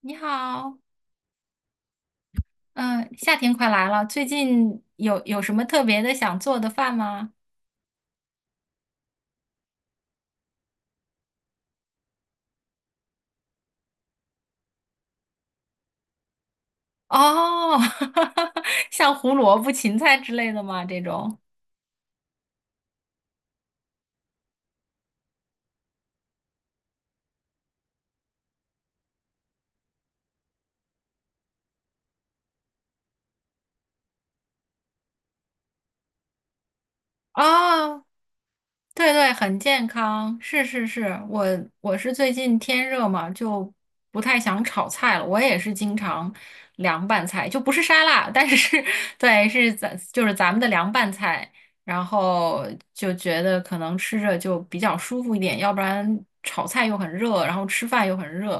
你好，嗯，夏天快来了，最近有什么特别的想做的饭吗？哦，像胡萝卜、芹菜之类的吗？这种？哦对对，很健康，是是是，我是最近天热嘛，就不太想炒菜了。我也是经常凉拌菜，就不是沙拉，但是是 对，是咱就是咱们的凉拌菜，然后就觉得可能吃着就比较舒服一点，要不然炒菜又很热，然后吃饭又很热，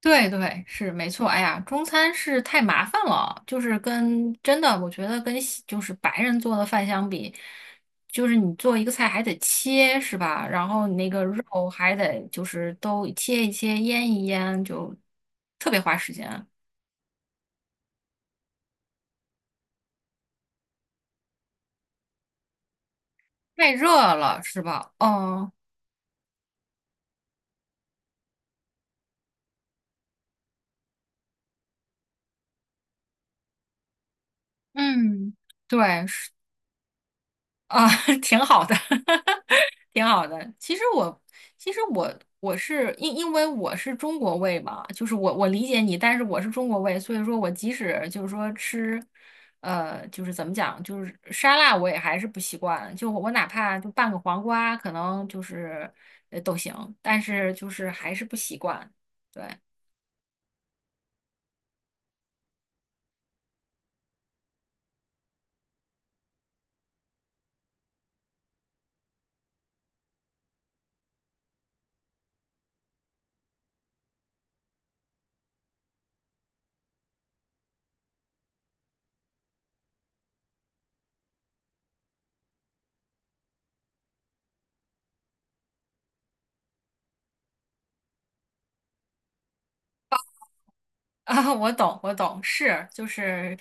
对对，是没错。哎呀，中餐是太麻烦了，就是跟真的，我觉得跟西就是白人做的饭相比，就是你做一个菜还得切，是吧？然后你那个肉还得就是都切一切、腌一腌，就特别花时间，太热了，是吧？嗯嗯，对，是啊，挺好的。挺好的。其实我，其实我是因为我是中国胃嘛，就是我理解你，但是我是中国胃，所以说我即使就是说吃，就是怎么讲，就是沙拉我也还是不习惯。就我哪怕就拌个黄瓜，可能就是都行，但是就是还是不习惯。对 啊，我懂，我懂，是就是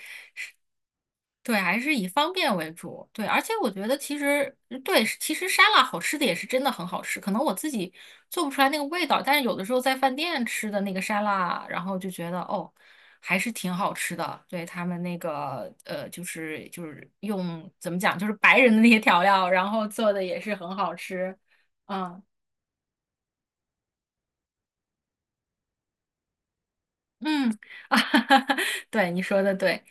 对，还是以方便为主。对，而且我觉得其实嗯对，其实沙拉好吃的也是真的很好吃。可能我自己做不出来那个味道，但是有的时候在饭店吃的那个沙拉，然后就觉得哦，还是挺好吃的。对，他们那个就是用怎么讲，就是白人的那些调料，然后做的也是很好吃。嗯。嗯，啊，对，你说的对，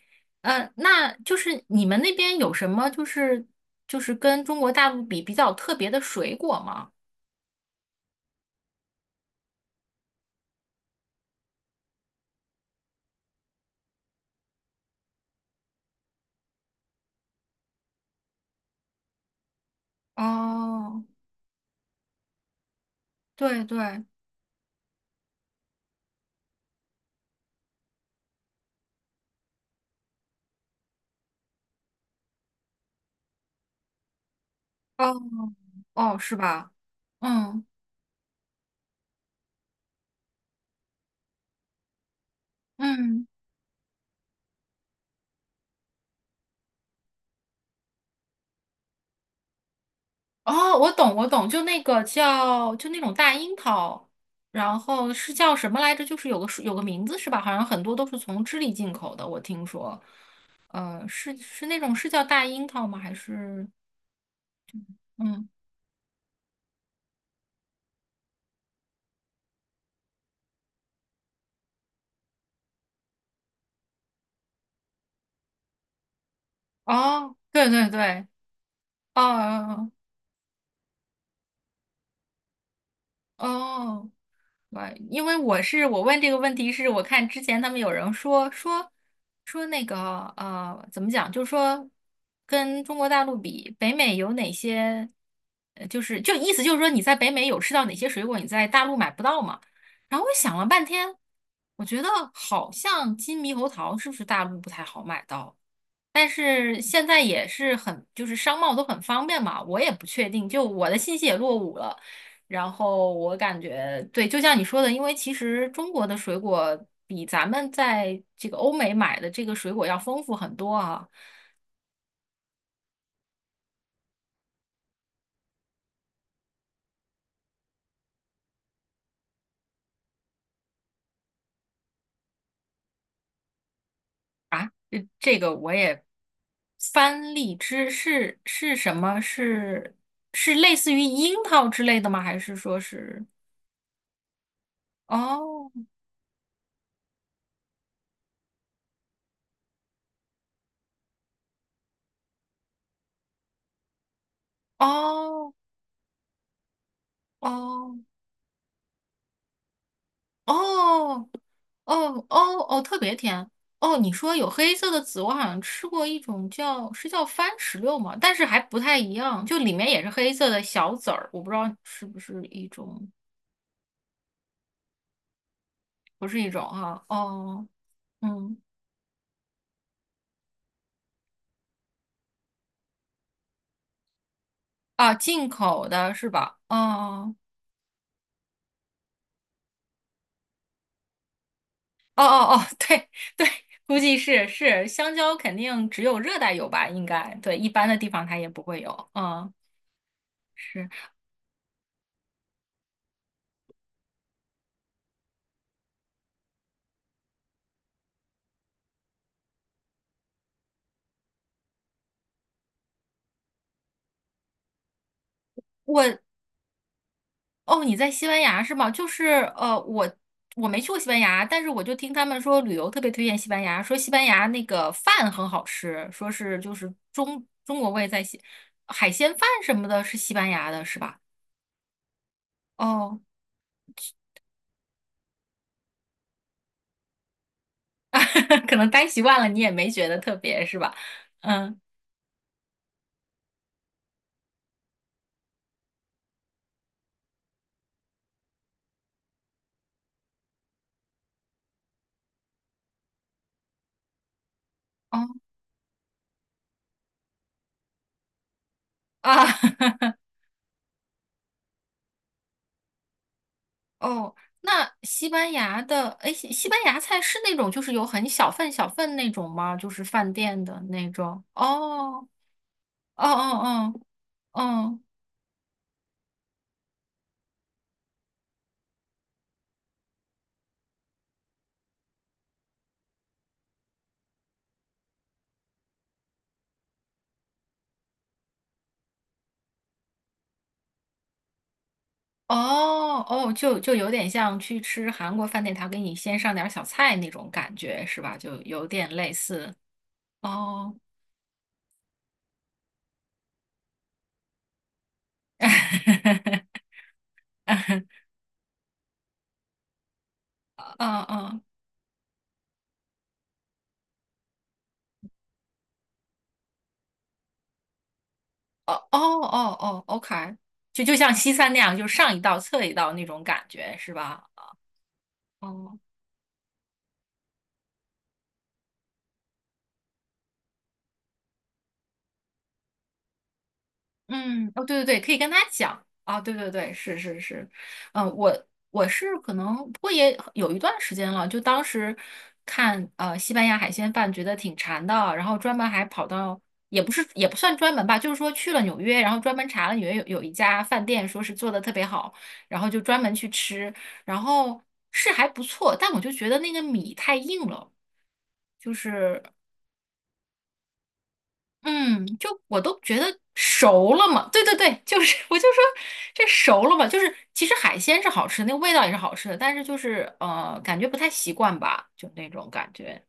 那就是你们那边有什么就是跟中国大陆比较特别的水果吗？哦，对对，哦哦，是吧？嗯嗯，哦，我懂我懂，就那个叫就那种大樱桃，然后是叫什么来着？就是有个名字是吧？好像很多都是从智利进口的，我听说，是是那种是叫大樱桃吗？还是？嗯。哦，对对对，哦哦，哦哦对，因为我是我问这个问题是我看之前他们有人说那个怎么讲，就是说跟中国大陆比，北美有哪些，就意思就是说你在北美有吃到哪些水果，你在大陆买不到嘛？然后我想了半天，我觉得好像金猕猴桃是不是大陆不太好买到？但是现在也是很，就是商贸都很方便嘛，我也不确定，就我的信息也落伍了。然后我感觉，对，就像你说的，因为其实中国的水果比咱们在这个欧美买的这个水果要丰富很多啊啊！这个我也番荔枝是是什么？是是类似于樱桃之类的吗？还是说是？哦哦哦哦，哦哦哦，特别甜。哦，你说有黑色的籽，我好像吃过一种叫是叫番石榴嘛，但是还不太一样，就里面也是黑色的小籽儿，我不知道是不是一种，不是一种哈、哦，嗯，啊，进口的是吧？哦哦哦哦，对对，估计是是，香蕉肯定只有热带有吧？应该对，一般的地方它也不会有。嗯，是。我。哦，你在西班牙是吗？就是呃，我我没去过西班牙，但是我就听他们说旅游特别推荐西班牙，说西班牙那个饭很好吃，说是就是中国味在西，海鲜饭什么的是西班牙的，是吧？哦，可能待习惯了，你也没觉得特别，是吧？嗯，哦啊，哦，那西班牙的，哎，西班牙菜是那种就是有很小份小份那种吗？就是饭店的那种？哦，哦哦哦。哦哦哦，就就有点像去吃韩国饭店，他给你先上点儿小菜那种感觉，是吧？就有点类似。哦，嗯嗯，哦哦哦哦，OK，就就像西餐那样，就上一道侧一道那种感觉，是吧？哦。嗯，哦，对对对，可以跟他讲啊，对对对，是是是，嗯、我是可能，不过也有一段时间了，就当时看西班牙海鲜饭觉得挺馋的，然后专门还跑到，也不是也不算专门吧，就是说去了纽约，然后专门查了纽约有一家饭店，说是做的特别好，然后就专门去吃，然后是还不错，但我就觉得那个米太硬了。就是嗯，就我都觉得熟了嘛，对对对，就是 我就说这熟了嘛，就是其实海鲜是好吃的那个味道也是好吃的，但是就是感觉不太习惯吧，就那种感觉。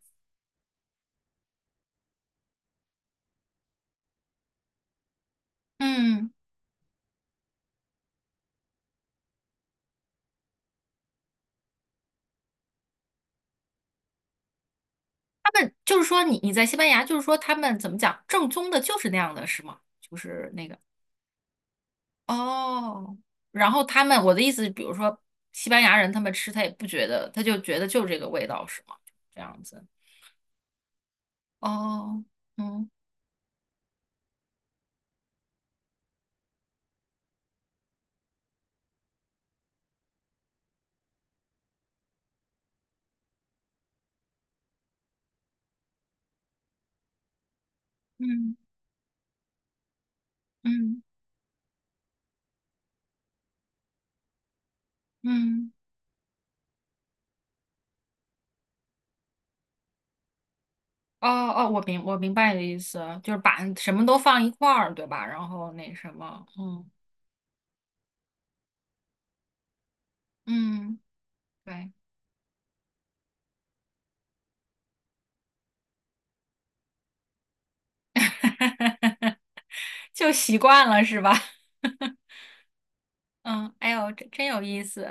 嗯，他们就是说你在西班牙，就是说他们怎么讲，正宗的就是那样的，是吗？就是那个哦，然后他们我的意思，比如说西班牙人他们吃，他也不觉得，他就觉得就是这个味道，是吗？这样子。哦，嗯嗯嗯嗯。哦哦，我明白你的意思，就是把什么都放一块儿，对吧？然后那什么，嗯嗯，对，就习惯了是吧？嗯，哎呦，真有意思。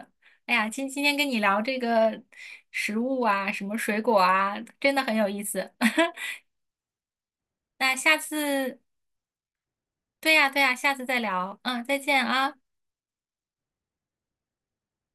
哎呀，今天跟你聊这个食物啊，什么水果啊，真的很有意思。那下次，对呀对呀，下次再聊。嗯，再见啊。